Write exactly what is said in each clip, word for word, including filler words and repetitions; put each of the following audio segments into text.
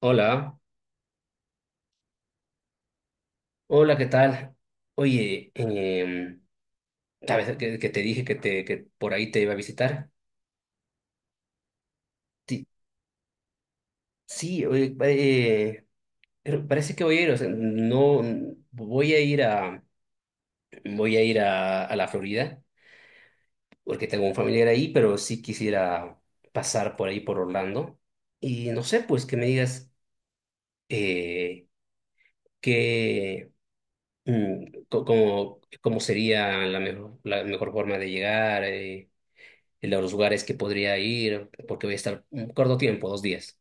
Hola, hola, ¿qué tal? Oye, em, ¿sabes que, que te dije que, te, que por ahí te iba a visitar? Ti- Sí, oye, eh, pero parece que voy a ir, o sea, no, voy a ir a, voy a ir a, a la Florida, porque tengo un familiar ahí, pero sí quisiera pasar por ahí, por Orlando. Y no sé, pues que me digas eh, qué, mm, co- cómo, cómo sería la mejor, la mejor forma de llegar. Eh, en los lugares que podría ir, porque voy a estar un corto tiempo, dos días.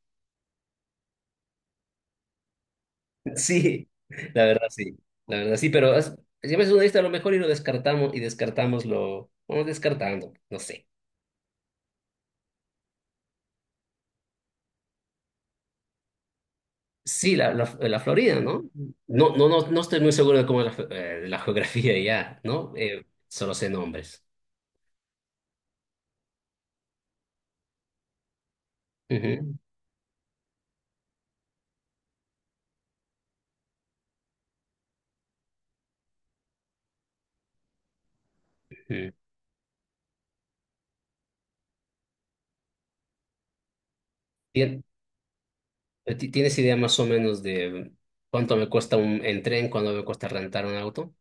Sí, la verdad sí, la verdad sí, pero es- Siempre es una lista a lo mejor y lo descartamos y descartamos lo, vamos descartando, no sé. Sí, la, la, la Florida, ¿no? No, no, no, no estoy muy seguro de cómo es la, fe- eh, de la geografía ya, ¿no? Eh, solo sé nombres. Ujú, ujú. Tien- eh, ti- ¿Tienes idea más o menos de cuánto me cuesta un en tren, cuánto me cuesta rentar un auto?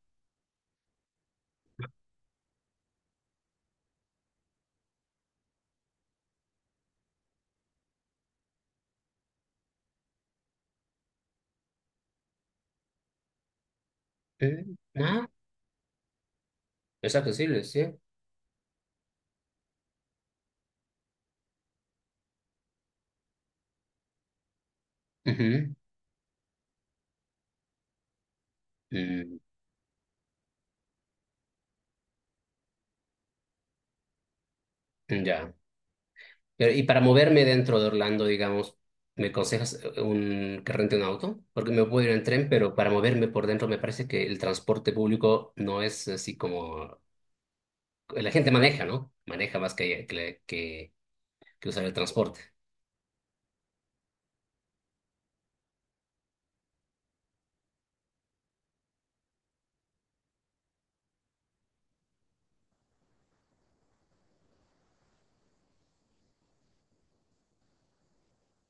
Ujú. Ah, es accesible, sí. Ujú. Mm, ya. Pero, y para moverme dentro de Orlando, digamos, ¿me aconsejas eh, un, que rente un auto? Porque me puedo ir en tren, pero para moverme por dentro me parece que el transporte público no es así como... La gente maneja, ¿no? Maneja más que, que, que, que usar el transporte.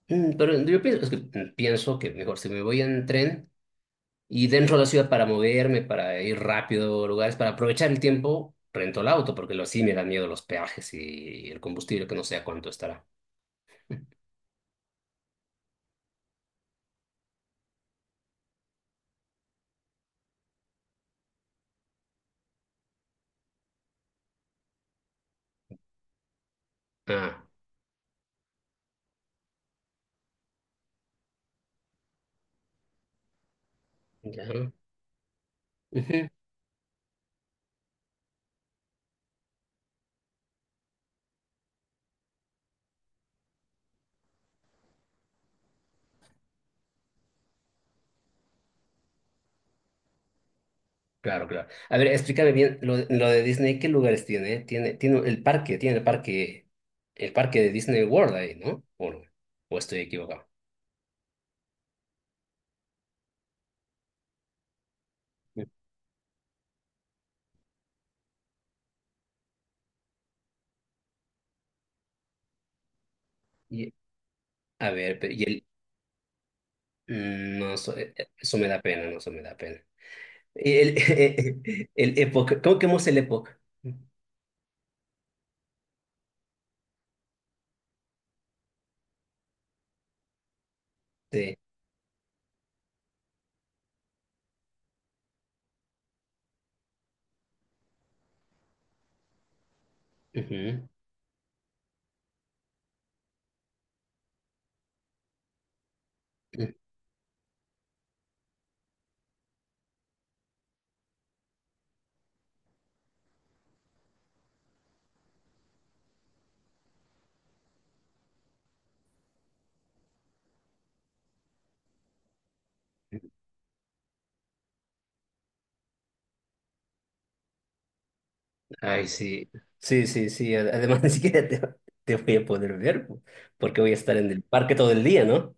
Mm, pero yo pienso, es que, mm, pienso que mejor si me voy en tren y dentro de la ciudad para moverme, para ir rápido a lugares, para aprovechar el tiempo, rento el auto, porque lo sí me dan miedo los peajes y el combustible, que no sé a cuánto estará. Ah. Ya. Ujú. Claro, claro. A ver, explícame bien lo, de lo de Disney, ¿qué lugares tiene? Tiene, tiene el parque, tiene el parque, el parque de Disney World ahí, ¿no? ¿O, no? ¿O estoy equivocado? Y, a ver, pe- y el, mm, no, eso, eh, eh, eso me da pena, no, eso me da pena. Y el, el Epoch, ¿cómo que hemos el Epoch? Sí. Ujú. Mm, ay, sí, sí, sí, sí. ad- Además, ni siquiera te, te voy a poder ver, porque voy a estar en el parque todo el día, ¿no?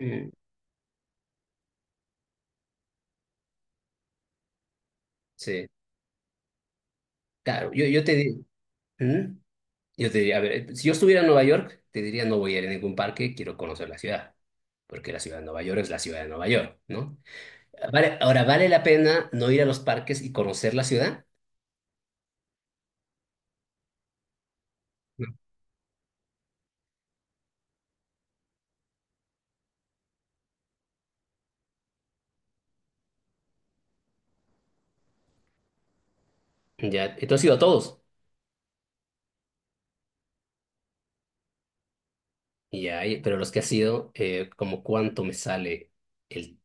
Mm. Sí, claro, yo, yo te, di- ujú. Yo te diría, a ver, eh, si yo estuviera en Nueva York, te diría no voy a ir a ningún parque, quiero conocer la ciudad, porque la ciudad de Nueva York es la ciudad de Nueva York, ¿no? Vale, ahora, ¿vale la pena no ir a los parques y conocer la ciudad? No. Ya, entonces he ido a todos, y ya, y- pero los que has sido eh, como cuánto me sale el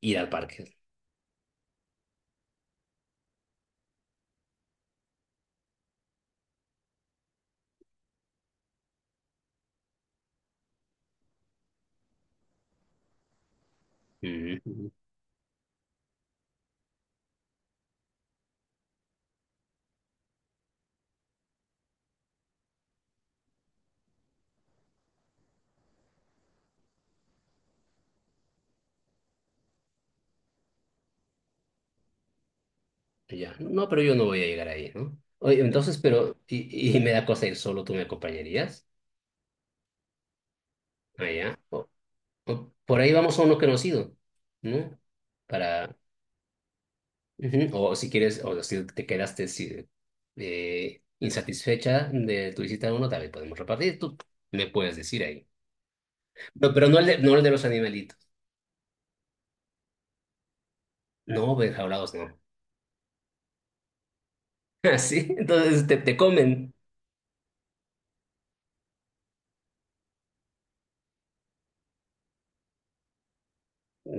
ir al parque. Ujú. Ya, no, no, pero yo no voy a llegar ahí, ¿no? Oye, entonces, pero, y, y me da cosa ir solo, ¿tú me acompañarías? Allá. O por ahí vamos a uno conocido, ¿no? Para, ujú. O si quieres, o si te quedaste si- eh, insatisfecha de tu visita a uno, también podemos repartir. Tú me puedes decir ahí. No, pero no el de, no el de los animalitos. No, enjaulados no. Así, entonces te, te comen.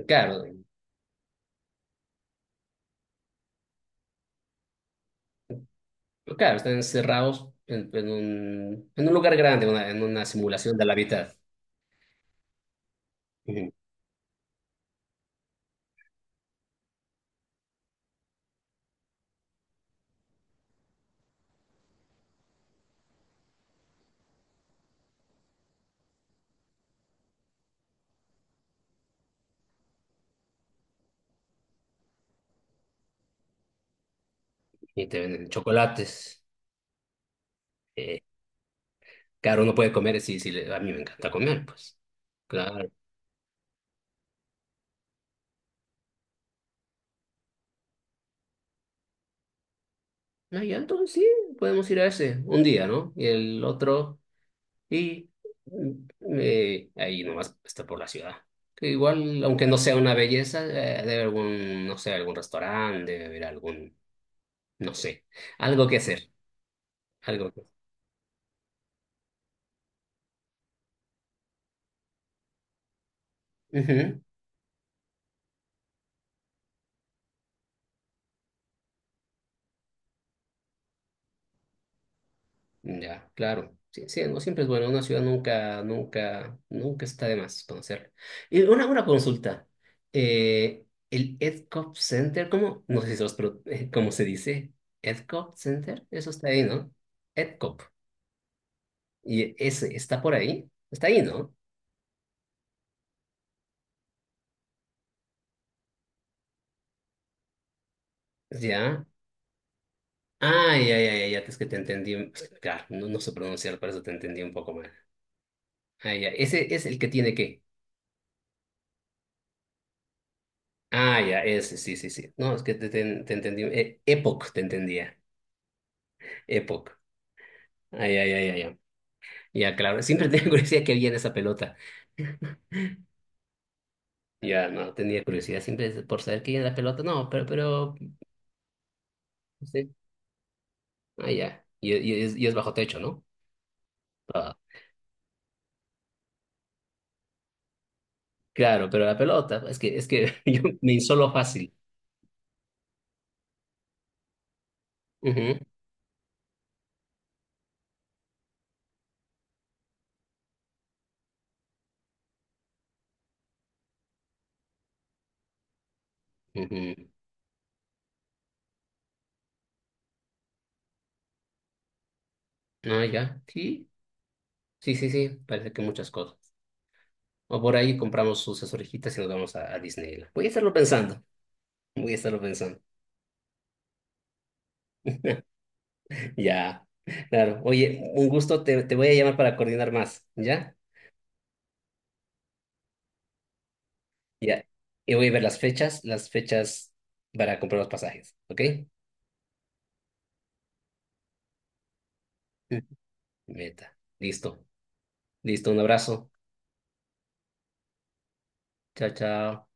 Claro, claro, están encerrados en, en un, en un lugar grande, una- en una simulación de la vida. Ujú. Y te venden chocolates. Eh, claro, uno puede comer, sí, sí, le- a mí me encanta comer, pues. Claro. Ah, ya, entonces sí, podemos ir a ese un día, ¿no? Y el otro, y mm, eh, ahí nomás está por la ciudad. Que igual, aunque no sea una belleza, eh, debe haber algún, no sé, algún restaurante, debe haber algún, no sé, algo que hacer, algo que hacer. Ya, claro. Sí, sí, no siempre es bueno. Una ciudad nunca, nunca, nunca está de más conocerla. Y una, una consulta. Eh, el EdCop Center, ¿cómo? No sé si sos pro- eh, ¿cómo se dice? EdCop Center, eso está ahí, ¿no? EdCop. Y ese está por ahí. Está ahí, ¿no? Ya. Ah, ya, ya, ya, ya, es que te entendí. Es que, claro, no, no sé pronunciar, por eso te entendí un poco mal. Ah, ya. Ese es el que tiene qué. Ah, ya, ese, sí, sí, sí. No, es que te, te- te entendí. eh, Epoch te entendía. Epoch. Ay, ay, ay, ay, ay. Ya, claro. Siempre tenía curiosidad que había en esa pelota. Ya, no, tenía curiosidad siempre por saber que había en la pelota. No, pero, pero, sí. Ah, ya. Y, y es, y es bajo techo, ¿no? Ah, claro, pero la pelota, es que, es que yo me insolo fácil. Ujú, ujú. Ah, ya. Sí, sí, sí, sí. Parece que muchas cosas. O por ahí compramos sus orejitas y nos vamos a, a Disneyland. Voy a estarlo pensando. Voy a estarlo pensando. Ya, claro. Oye, un gusto, te, te voy a llamar para coordinar más, ¿ya? Ya. Y voy a ver las fechas, las fechas para comprar los pasajes, ¿ok? Meta. Listo. Listo, un abrazo. Chao, chao.